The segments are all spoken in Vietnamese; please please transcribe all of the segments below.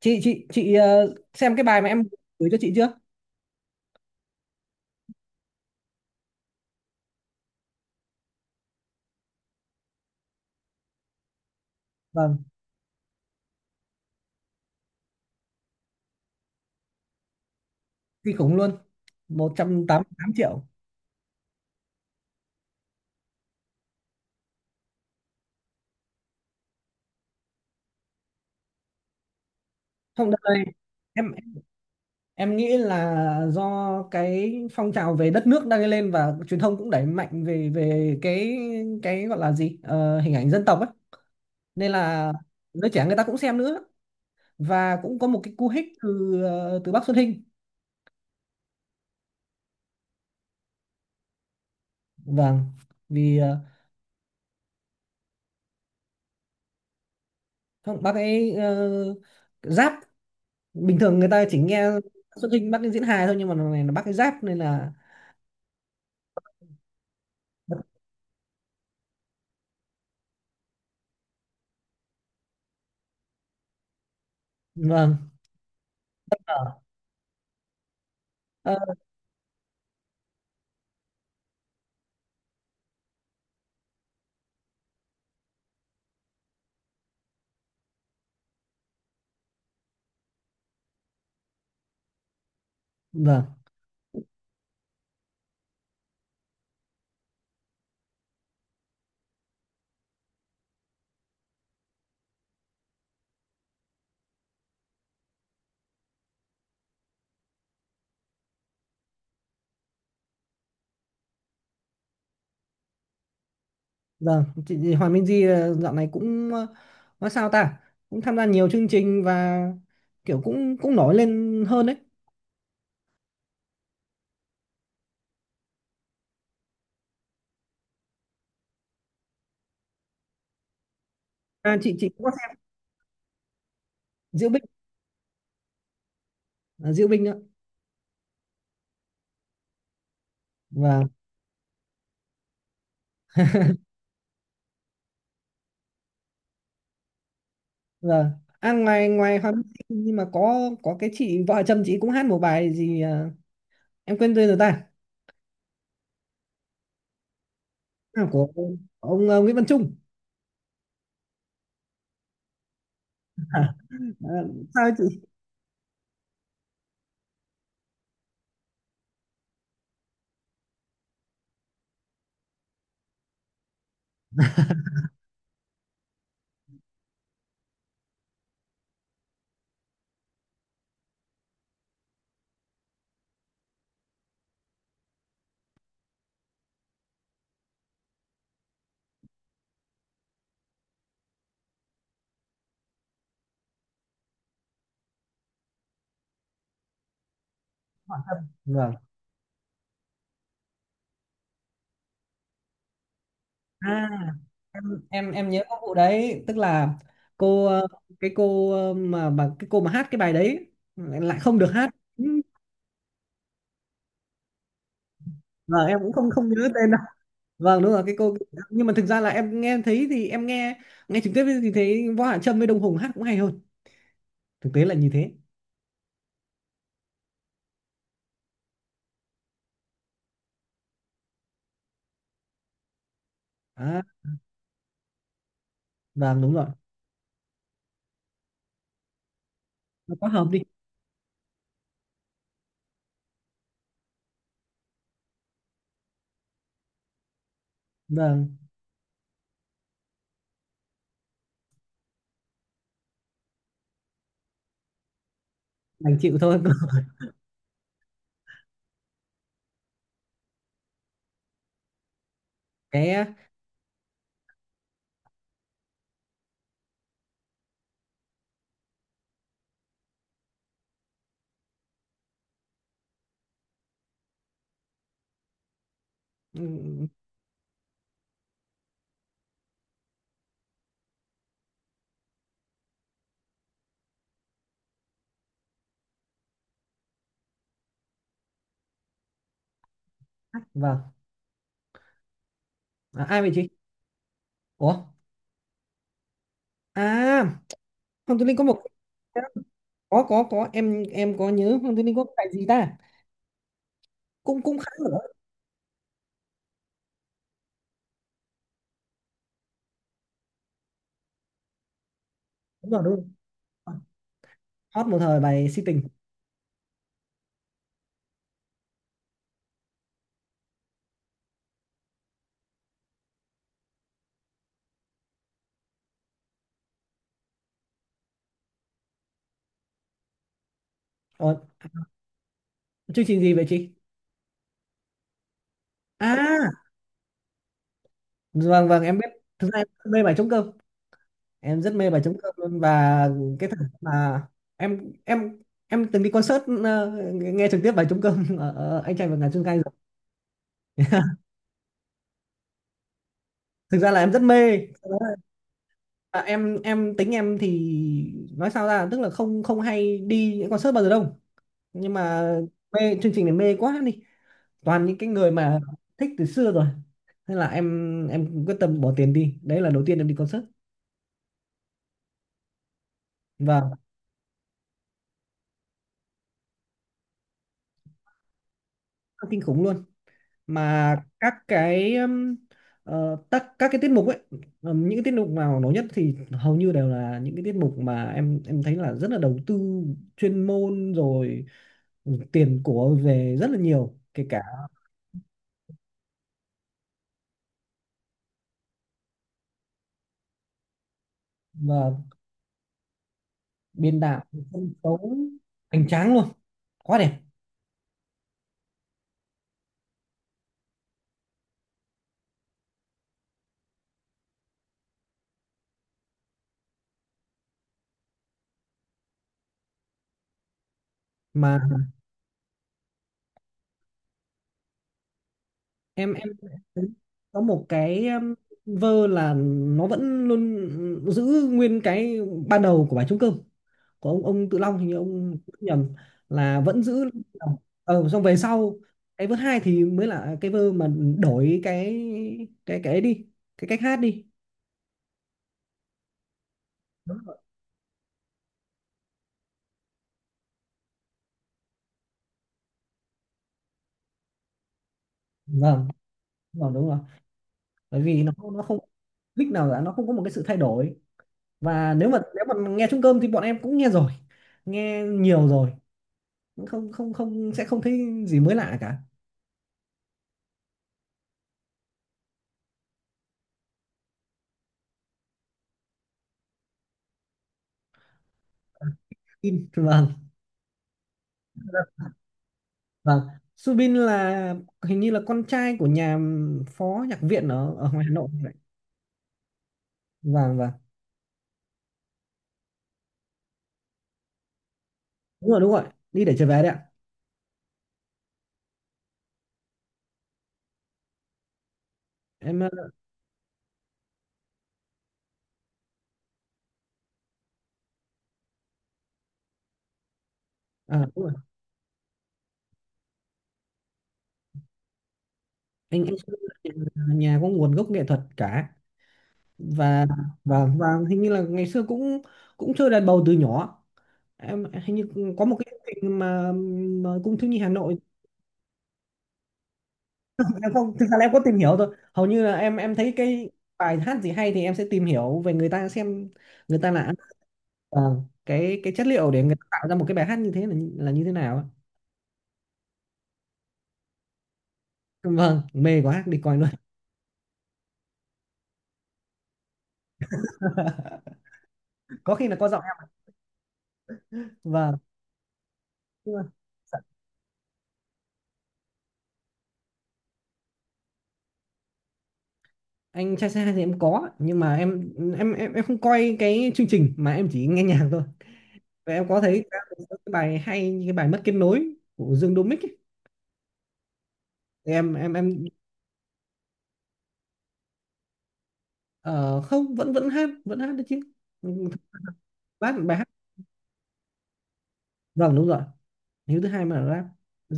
Chị xem cái bài mà em gửi cho chị chưa? Vâng, kinh khủng luôn, 188 triệu. Không, đợt này em em nghĩ là do cái phong trào về đất nước đang lên, và truyền thông cũng đẩy mạnh về về cái gọi là gì, hình ảnh dân tộc ấy, nên là giới trẻ người ta cũng xem nữa. Và cũng có một cái cú hích từ từ bác Xuân Hinh. Vâng, vì không, bác ấy giáp, bình thường người ta chỉ nghe Xuân Hinh bắt Ninh diễn hài thôi, nhưng mà lần này là Bắc cái giáp nên là vâng. ờ, vâng, vâng, chị Hoàng Minh Di dạo này cũng nói sao ta, cũng tham gia nhiều chương trình và kiểu cũng cũng nổi lên hơn đấy. À, chị cũng có xem Diễu Binh. À, Diễu Binh nữa. Vâng, vâng. À, ngoài ngoài Hoàng Minh Di nhưng mà có cái chị vợ chồng chị cũng hát một bài gì, em quên tên rồi ta. À, của ông Nguyễn Văn Trung. À, sao ấy chị hỏi thầm? Vâng. À, em em nhớ có vụ đấy, tức là cô cái cô mà cái cô mà hát cái bài đấy lại không được hát. Ừ. Vâng, em cũng không không nhớ tên đâu. Vâng, đúng rồi cái cô, nhưng mà thực ra là em nghe thấy thì em nghe nghe trực tiếp thì thấy Võ Hạ Trâm với Đông Hùng hát cũng hay hơn. Thực tế là như thế. À, vâng đúng rồi. Nó quá hợp đi. Vâng, đành chịu thôi. Cái ừ, hát vâng. À, ai vậy chị? Ủa? À, Hồng Tú Linh có một có em có nhớ Hoàng Tư linh có cái bài gì ta, cũng cũng khá nổi. Đúng rồi, đúng rồi, hot một thời bài si tình. Ờ, chương trình gì vậy chị? À, vâng vâng em biết. Thực ra em rất mê bài trống cơm, em rất mê bài trống cơm luôn và cái thằng mà em em từng đi concert, nghe trực tiếp bài trống cơm ở, ở anh trai vượt ngàn chông gai rồi. Thực ra là em rất mê. Sau đó là, À, em tính em thì nói sao ra, tức là không không hay đi những concert bao giờ đâu, nhưng mà mê chương trình này mê quá đi, toàn những cái người mà thích từ xưa rồi, nên là em quyết tâm bỏ tiền đi, đấy là đầu tiên em đi concert. Và kinh khủng luôn. Mà các cái các cái tiết mục ấy, những cái tiết mục nào nổi nhất thì hầu như đều là những cái tiết mục mà em thấy là rất là đầu tư chuyên môn rồi, ừ, tiền của về rất là nhiều, kể cả và biên đạo, sân khấu hoành tráng luôn, quá đẹp. Mà em có một cái vơ là nó vẫn luôn giữ nguyên cái ban đầu của bài trống cơm của ông Tự Long, hình như ông nhầm, là vẫn giữ. Xong về sau cái vơ hai thì mới là cái vơ mà đổi cái cái ấy đi, cái cách hát đi. Đúng rồi. Vâng, đúng rồi, bởi vì nó không click nào cả, nó không có một cái sự thay đổi, và nếu mà nghe trống cơm thì bọn em cũng nghe rồi, nghe nhiều rồi, không không không sẽ không thấy gì mới lạ cả. Subin. Vâng, vâng, Subin là hình như là con trai của nhà phó nhạc viện ở, ở ngoài Hà Nội vậy. Vâng vâng. Đúng rồi, đúng rồi, đi để trở về đấy ạ. Em ờ, à, đúng rồi. Anh Subin là nhà, nhà có nguồn gốc nghệ thuật cả. Và và hình như là ngày xưa cũng cũng chơi đàn bầu từ nhỏ. Em hình như có một cái chương trình mà cung thiếu nhi Hà Nội. Em không, thực ra là em có tìm hiểu thôi, hầu như là em thấy cái bài hát gì hay thì em sẽ tìm hiểu về người ta xem người ta là ăn, vâng, cái chất liệu để người ta tạo ra một cái bài hát như thế là là như thế nào ạ. Vâng, mê quá đi coi luôn. Có khi là có giọng em. Vâng. Nhưng mà anh trai say hi thì em có, nhưng mà em không coi cái chương trình mà em chỉ nghe nhạc thôi. Và em có thấy cái bài hay như cái bài mất kết nối của Dương Đô Mích ấy. Thì em không, vẫn vẫn hát được chứ. Ừ, bài hát. Vâng đúng rồi, hiếu thứ hai mà là rap.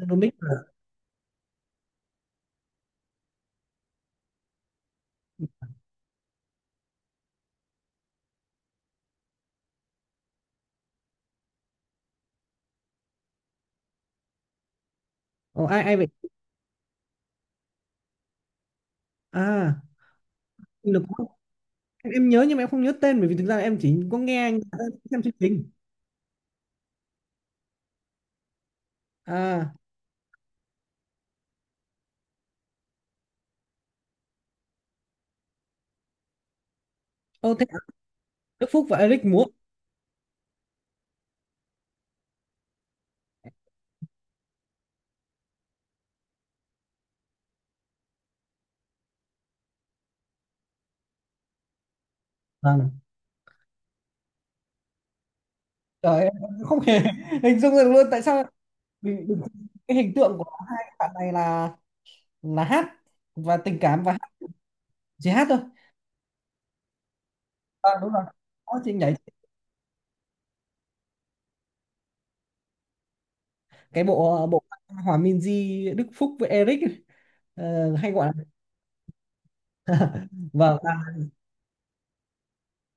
Genomics. Ồ, ai ai vậy? À, Quỳnh Lập Quốc. Em nhớ nhưng mà em không nhớ tên, bởi vì thực ra em chỉ có nghe anh ta xem chương trình. À, ô thế à, Đức Phúc và Eric múa. Vâng. Trời em, không hề hình dung được luôn. Tại sao mình, cái hình tượng của hai bạn này là hát và tình cảm và hát, chỉ hát thôi. À, đúng rồi. Đó, chị nhảy. Cái bộ bộ Hòa Minzy Đức Phúc với Eric ấy, ờ, hay gọi là vâng. À,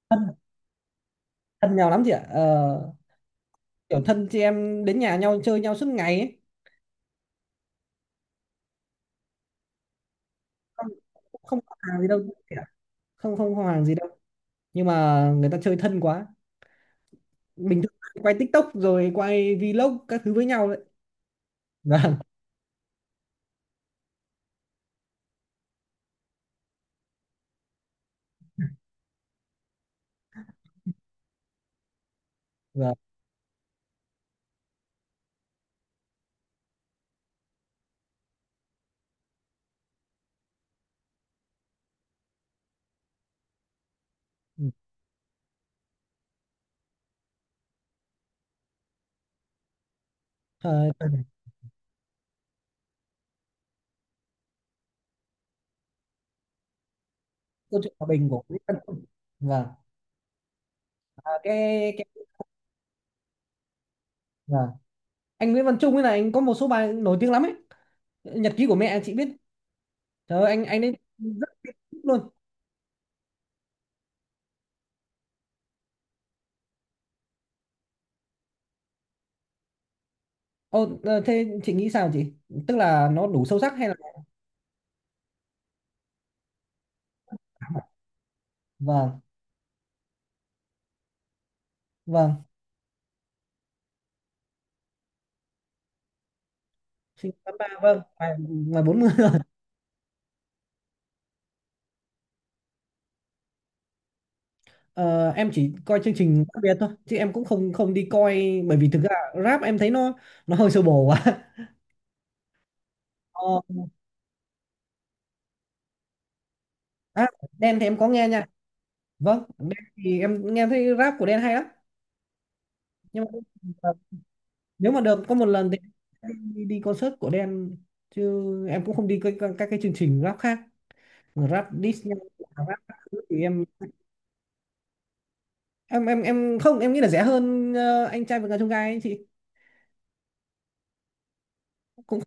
thân, thân nhau lắm chị ạ. Ờ, kiểu thân chị em đến nhà nhau chơi nhau suốt ngày ấy. Không không có hàng gì đâu, kiểu không không có hàng gì đâu, nhưng mà người ta chơi thân quá, bình thường quay TikTok rồi quay vlog các thứ với nhau đấy. Vâng. Vâng. Ừ. Ờ, câu chuyện hòa bình của Nguyễn Văn Trung. Vâng. À, cái, vâng, anh Nguyễn Văn Trung ấy là anh có một số bài nổi tiếng lắm ấy. Nhật ký của mẹ chị biết. Trời ơi, anh ấy rất thích luôn. Ồ, ờ, thế chị nghĩ sao chị, tức là nó đủ sâu sắc hay là vâng, vâng, sinh năm ba vâng, ngoài ngoài 40. Ờ, em chỉ coi chương trình Rap biệt thôi, chứ em cũng không không đi coi, bởi vì thực ra rap em thấy nó hơi sơ bồ quá. Ờ, à, Đen thì em có nghe nha. Vâng, Đen thì em nghe thấy rap của Đen hay lắm. Nhưng mà ờ, nếu mà được có một lần thì em đi, đi concert của Đen, chứ em cũng không đi các các cái chương trình rap khác. Rap diss nhau, rap các thứ thì em em không, em nghĩ là rẻ hơn anh trai vượt ngàn chông gai ấy chị. Cũng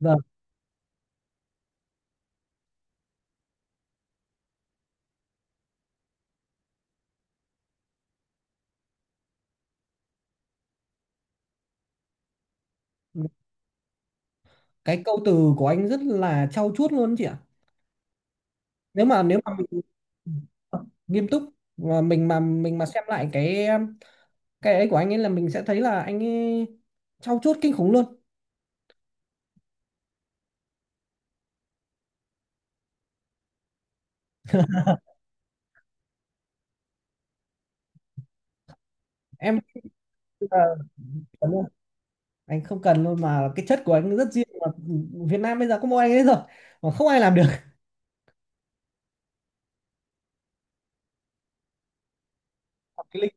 vâng, cái câu từ của anh rất là trau chuốt luôn ấy chị ạ. Nếu mà ờ, nghiêm túc, và mình mà xem lại cái ấy của anh ấy là mình sẽ thấy là anh ấy trau chuốt kinh khủng luôn. Em ờ, cảm ơn. Anh không cần luôn, mà cái chất của anh rất riêng mà. Việt Nam bây giờ có mỗi anh ấy rồi, mà không ai làm được. Cái link.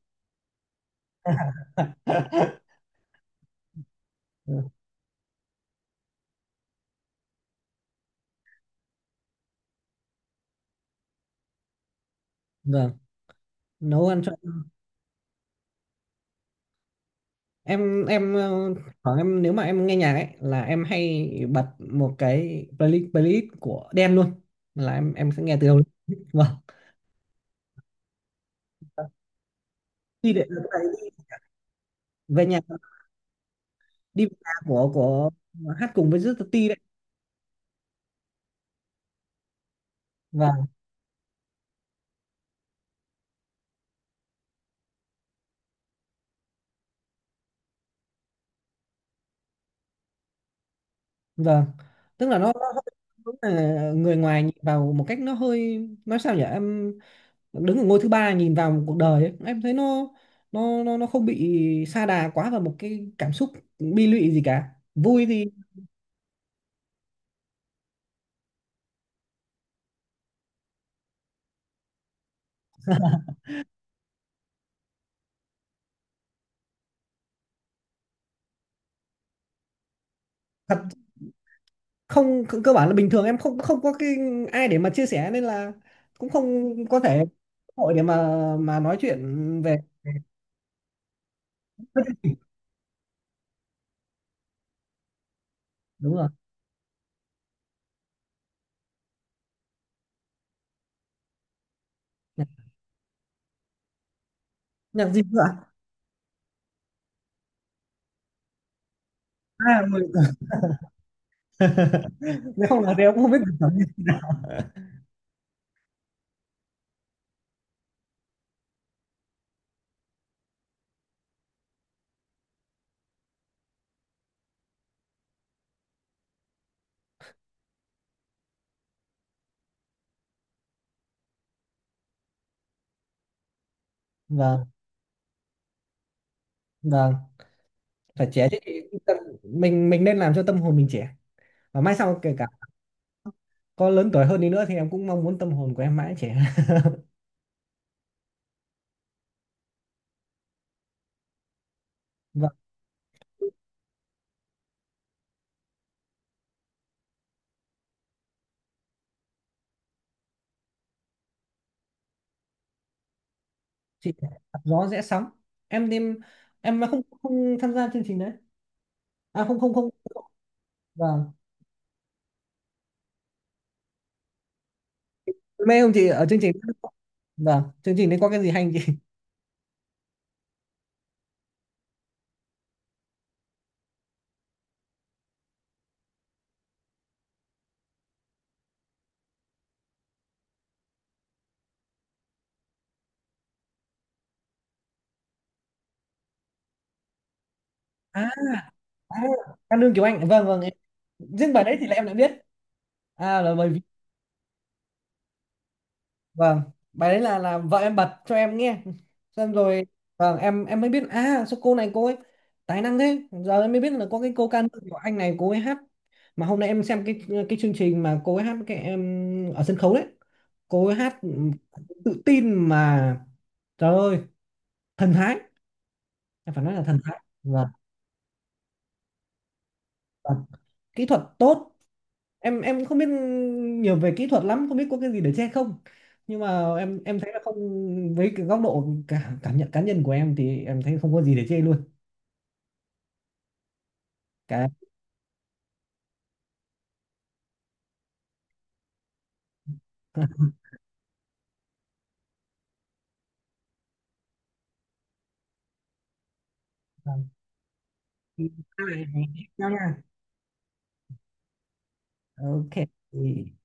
Ừ, vâng, nấu ăn cho em. Em ờ, khoảng em, nếu mà em nghe nhạc ấy là em hay bật một cái playlist, của đen luôn, là em sẽ nghe từ đầu đến cuối. Vâng. Khi để, tại vì về nhà, đi vào nhà của hát cùng với Rất Ti đấy. Và vâng, tức là nó hơi-, đúng là người ngoài nhìn vào một cách nó hơi nói sao nhỉ em, đứng ở ngôi thứ ba nhìn vào một cuộc đời ấy, em thấy nó nó nó không bị sa đà quá vào một cái cảm xúc bi lụy gì cả. Vui thì thật. Không, cơ cơ bản là bình thường em không không có cái ai để mà chia sẻ, nên là cũng không có thể cơ hội để mà nói chuyện về đúng rồi. Nhạc, nhạc gì nữa? À, Người. Nếu không nói thì em cũng không biết cuộc sống. Vâng. Vâng, phải trẻ chứ chị. Tâm- mình nên làm cho tâm hồn mình trẻ, và mai sau kể cả có lớn tuổi hơn đi nữa thì em cũng mong muốn tâm hồn của em mãi trẻ. Vâng, chị. Đạp gió rẽ sóng. Em em em không không tham gia chương trình đấy. À không không không. Vâng. Mê không chị ở chương trình, vâng, chương trình đấy có cái gì hay không chị? À, à, Cát Lương Kiều Anh. Vâng vâng em-, riêng bài đấy thì là em đã biết. À là bởi vâng, bài đấy là vợ em bật cho em nghe, xong rồi vâng em mới biết. À sao cô này cô ấy tài năng thế? Giờ em mới biết là có cái cô ca nữ của anh này cô ấy hát. Mà hôm nay em xem cái chương trình mà cô ấy hát cái em ở sân khấu đấy, cô ấy hát ừ, tự tin mà, trời ơi, thần thái, em phải nói là thần thái và kỹ thuật tốt. Em không biết nhiều về kỹ thuật lắm, không biết có cái gì để chê không, nhưng mà em thấy là không, với cái góc độ cả cảm nhận cá nhân của em thì em thấy không có gì để chê luôn cả. Vâng. Thì, bye bye. Hẹn gặp nhau nha. Ok.